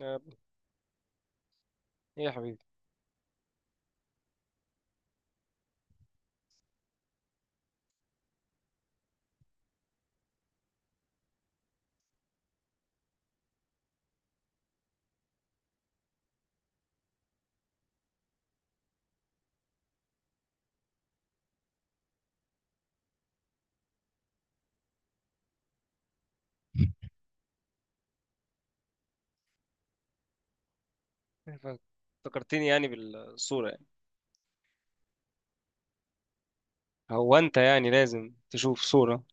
آه، ايه يا حبيبي. افتكرتني يعني بالصورة يعني؟ هو انت يعني لازم تشوف صورة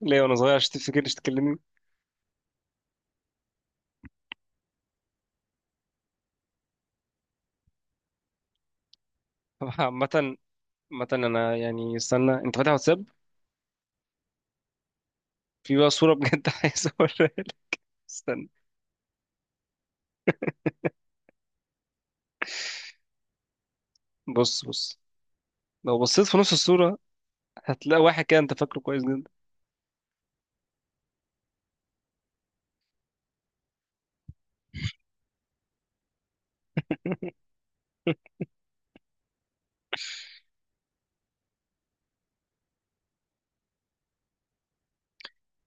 ليه وانا صغير عشان تفتكرش تكلمني؟ طب عامة، عامة انا يعني استنى، انت فاتح واتساب؟ في بقى صورة بجد عايز اوريها لك. استنى، بص بص، لو بصيت في نص الصورة هتلاقي واحد كده انت فاكره كويس جدا.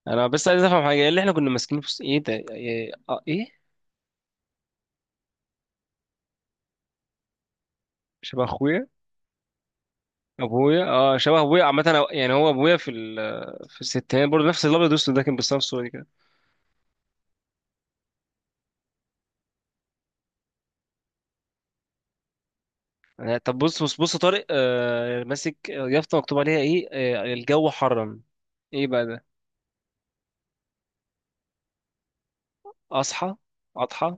انا بس عايز افهم حاجة، ايه اللي احنا كنا ماسكينه في ايه ده؟ ايه؟ اه ايه؟ شبه اخويا. ابويا، اه شبه ابويا. عامة يعني هو ابويا في في الستينات برضه نفس الابيض والاسود ده، كان بيستنى في الصورة دي كده. آه، طب بص بص بص يا طارق، آه ماسك يافطة مكتوب عليها ايه؟ آه الجو حرم. ايه بقى ده؟ اصحى، اضحى.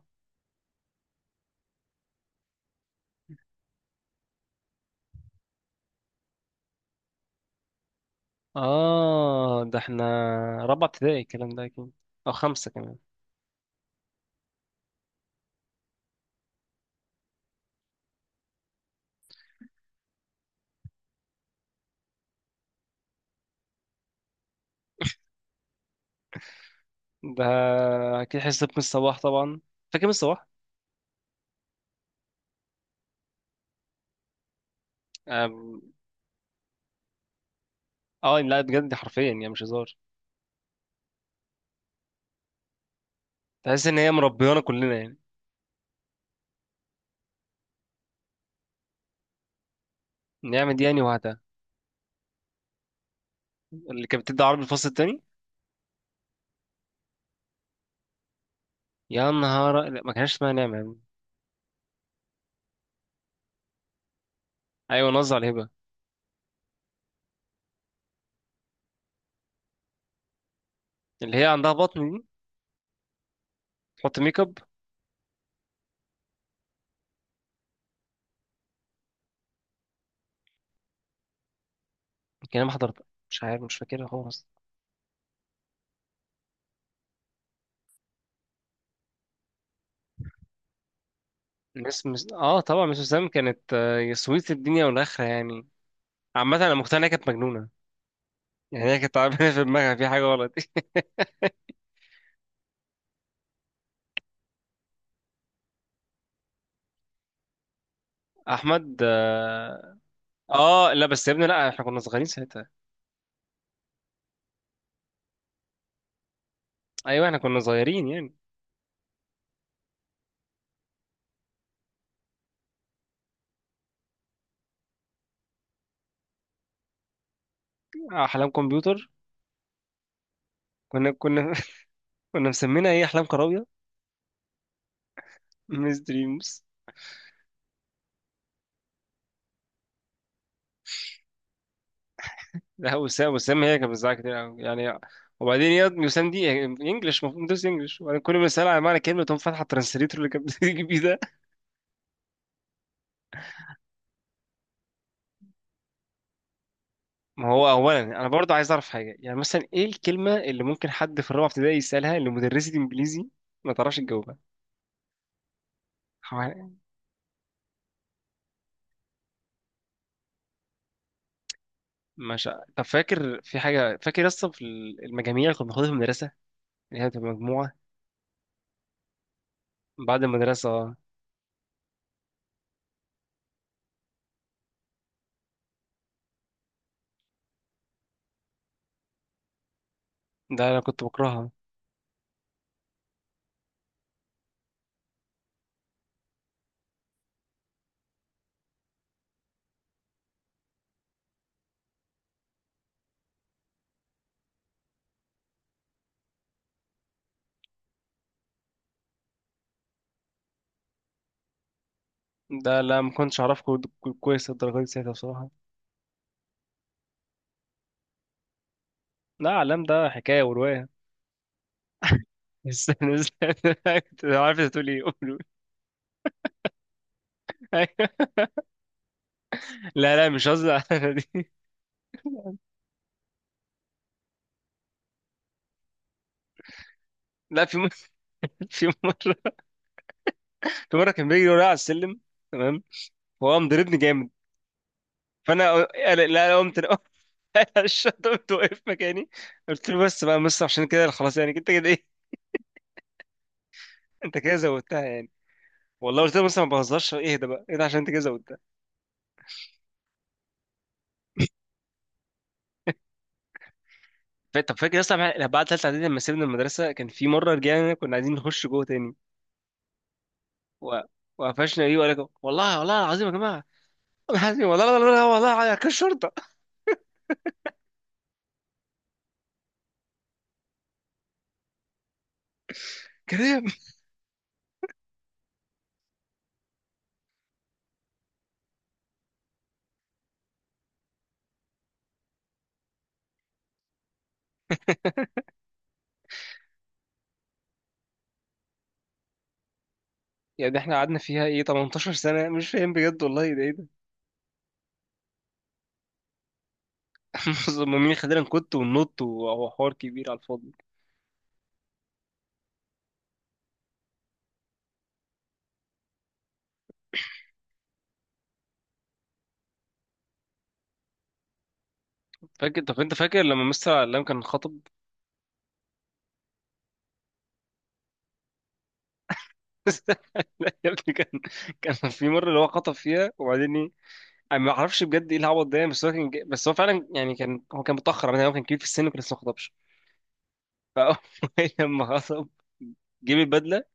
اه ده احنا رابعة ابتدائي الكلام ده اكيد، او خمسة كمان. ده اكيد حصة من الصباح طبعا. فاكر، من الصباح. آم، اه يعني لا بجد حرفيا يعني مش هزار. تحس ان هي مربيانا كلنا يعني. نعمة دي يعني وهاتها، اللي كانت بتدي عربي الفصل التاني. يا نهار، لا ما كانش اسمها نعمة يا عم. ايوه نظر على الهبة، اللي هي عندها بطن دي، تحط ميك اب. كان ما حضرت، مش عارف، مش فاكرها خالص. مس مس اه، طبعا مس وسام كانت آه، يا سويت الدنيا والاخره يعني. عامه انا مقتنع انها كانت مجنونه، يعني هي كانت تعبانه في دماغها، في حاجه غلط. احمد اه. آه، لا بس يا ابني، لا احنا كنا صغيرين ساعتها. ايوه احنا كنا صغيرين يعني. احلام كمبيوتر، كنا كنا مسمينها ايه، احلام كراويه. مس دريمز. لا وسام، وسام هي كانت بتزعق كتير أوي يعني. وبعدين يا وسام دي انجلش، المفروض ندرس انجلش، وبعدين كل ما اسالها على معنى كلمه تقوم فاتحه الترانسليتور اللي كانت بتيجي بيه ده. ما هو اولا انا برضه عايز اعرف حاجه، يعني مثلا ايه الكلمه اللي ممكن حد في الرابعه ابتدائي يسالها لمدرسه انجليزي ما تعرفش تجاوبها؟ حوالي- مش ع- طب فاكر في حاجه، فاكر اصلا في المجاميع اللي كنا بناخدها في المدرسه، اللي هي بتبقى مجموعه بعد المدرسه؟ ده انا كنت بكرهها. ده لا ما كنتش اعرف كويس الدرجات دي ساعتها بصراحه. لا علام ده حكايه وروايه. استنى استنى، كنت عارف انت تقول ايه، قول. لا لا، مش قصدي على دي. لا في مره، في مره، في مره كان بيجري ورايا على السلم، تمام، هو قام ضربني جامد. لا قمت انا قمت وقف مكاني. قلت له بس بقى يا مستر، عشان كده خلاص يعني انت كده ايه، انت كده زودتها يعني. والله قلت له بس ما بهزرش، اهدى بقى، اهدى، عشان انت كده زودتها. طب فاكر اصلا بعد ثالثه اعدادي لما سيبنا المدرسه، كان في مره رجعنا كنا عايزين نخش جوه تاني و- وقفشنا، ايه وقال لك؟ والله، والله العظيم يا جماعه، والله العظيم، والله كان شرطه. كريم. يعني احنا قعدنا فيها ايه، 18 سنه، مش فاهم بجد والله ده إيه. مين؟ خلينا نكت وننط وهو حوار كبير على الفاضي. فاكر، طب انت فاكر لما مستر علام كان خطب؟ لا يا ابني كان، كان في مره اللي هو خطب فيها، وبعدين ايه؟ انا ما اعرفش بجد ايه العبط ده يعني، بس هو كان بس هو فعلا يعني كان، هو كان متاخر، يعني هو كان كبير في السن وكان لسه ما خطبش. فاول لما خطب جيب البدله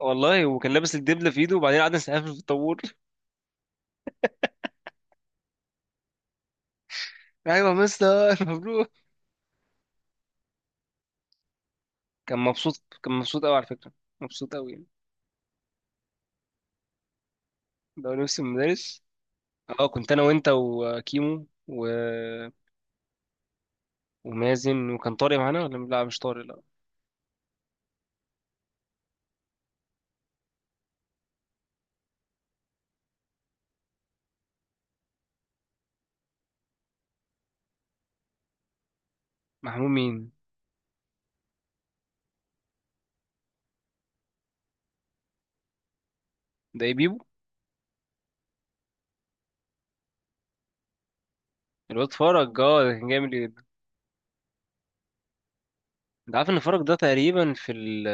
والله، وكان لابس الدبله في ايده، وبعدين قعد يسقف في الطابور. ايوه يا مستر مبروك. كان مبسوط، كان مبسوط قوي على فكره، مبسوط قوي يعني. ده هو نفس المدرس. اه كنت انا وانت وكيمو و... ومازن، وكان طارق معانا ولا لا، مش طارق لا. محمود مين؟ ده ايه، بيبو؟ الواد فرج، اه ده كان جامد جدا. انت عارف ان فرج ده تقريبا في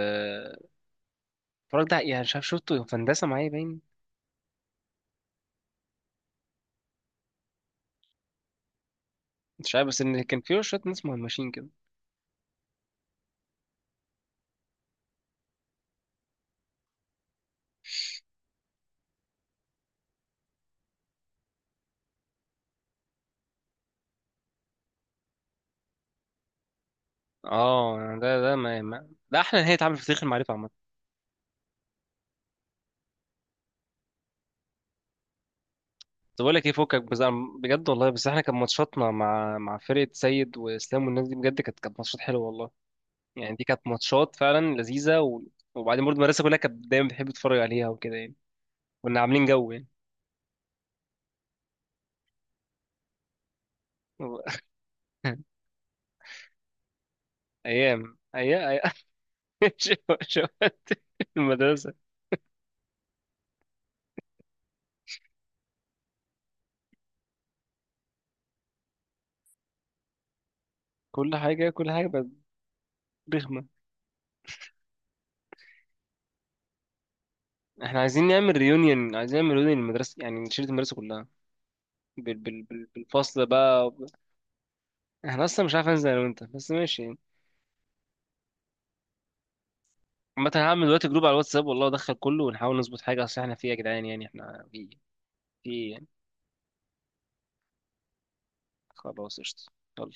فرج ده يعني مش عارف، شفته في هندسه معايا باين. مش عارف بس ان كان فيه شويه ناس مهمشين كده. اه يعني ده ما, ما... ده احلى نهايه اتعمل في تاريخ المعرفه عامه. طب بقول لك ايه، فكك بس، بجد والله، بس احنا كان ماتشاتنا مع مع فرقه سيد واسلام والناس دي بجد كانت ماتشات حلوه والله، يعني دي كانت ماتشات فعلا لذيذة و... وبعدين برضه المدرسة كلها كانت دايما بتحب تتفرج عليها وكده يعني. كنا عاملين جو يعني و- أيام أيام شو- شو- المدرسة. كل حاجة بقت رخمة. احنا عايزين نعمل ريونيون، عايزين نعمل ريونيون المدرسة، يعني نشيل المدرسة كلها بالفصل بقى احنا أصلا مش عارف، أنزل أنا وأنت بس ماشي يعني. عامة هعمل دلوقتي جروب على الواتساب والله، أدخل كله ونحاول نظبط حاجة، أصل احنا فيه يا جدعان، يعني احنا فيه، فيه يعني. خلاص قشطة، يلا.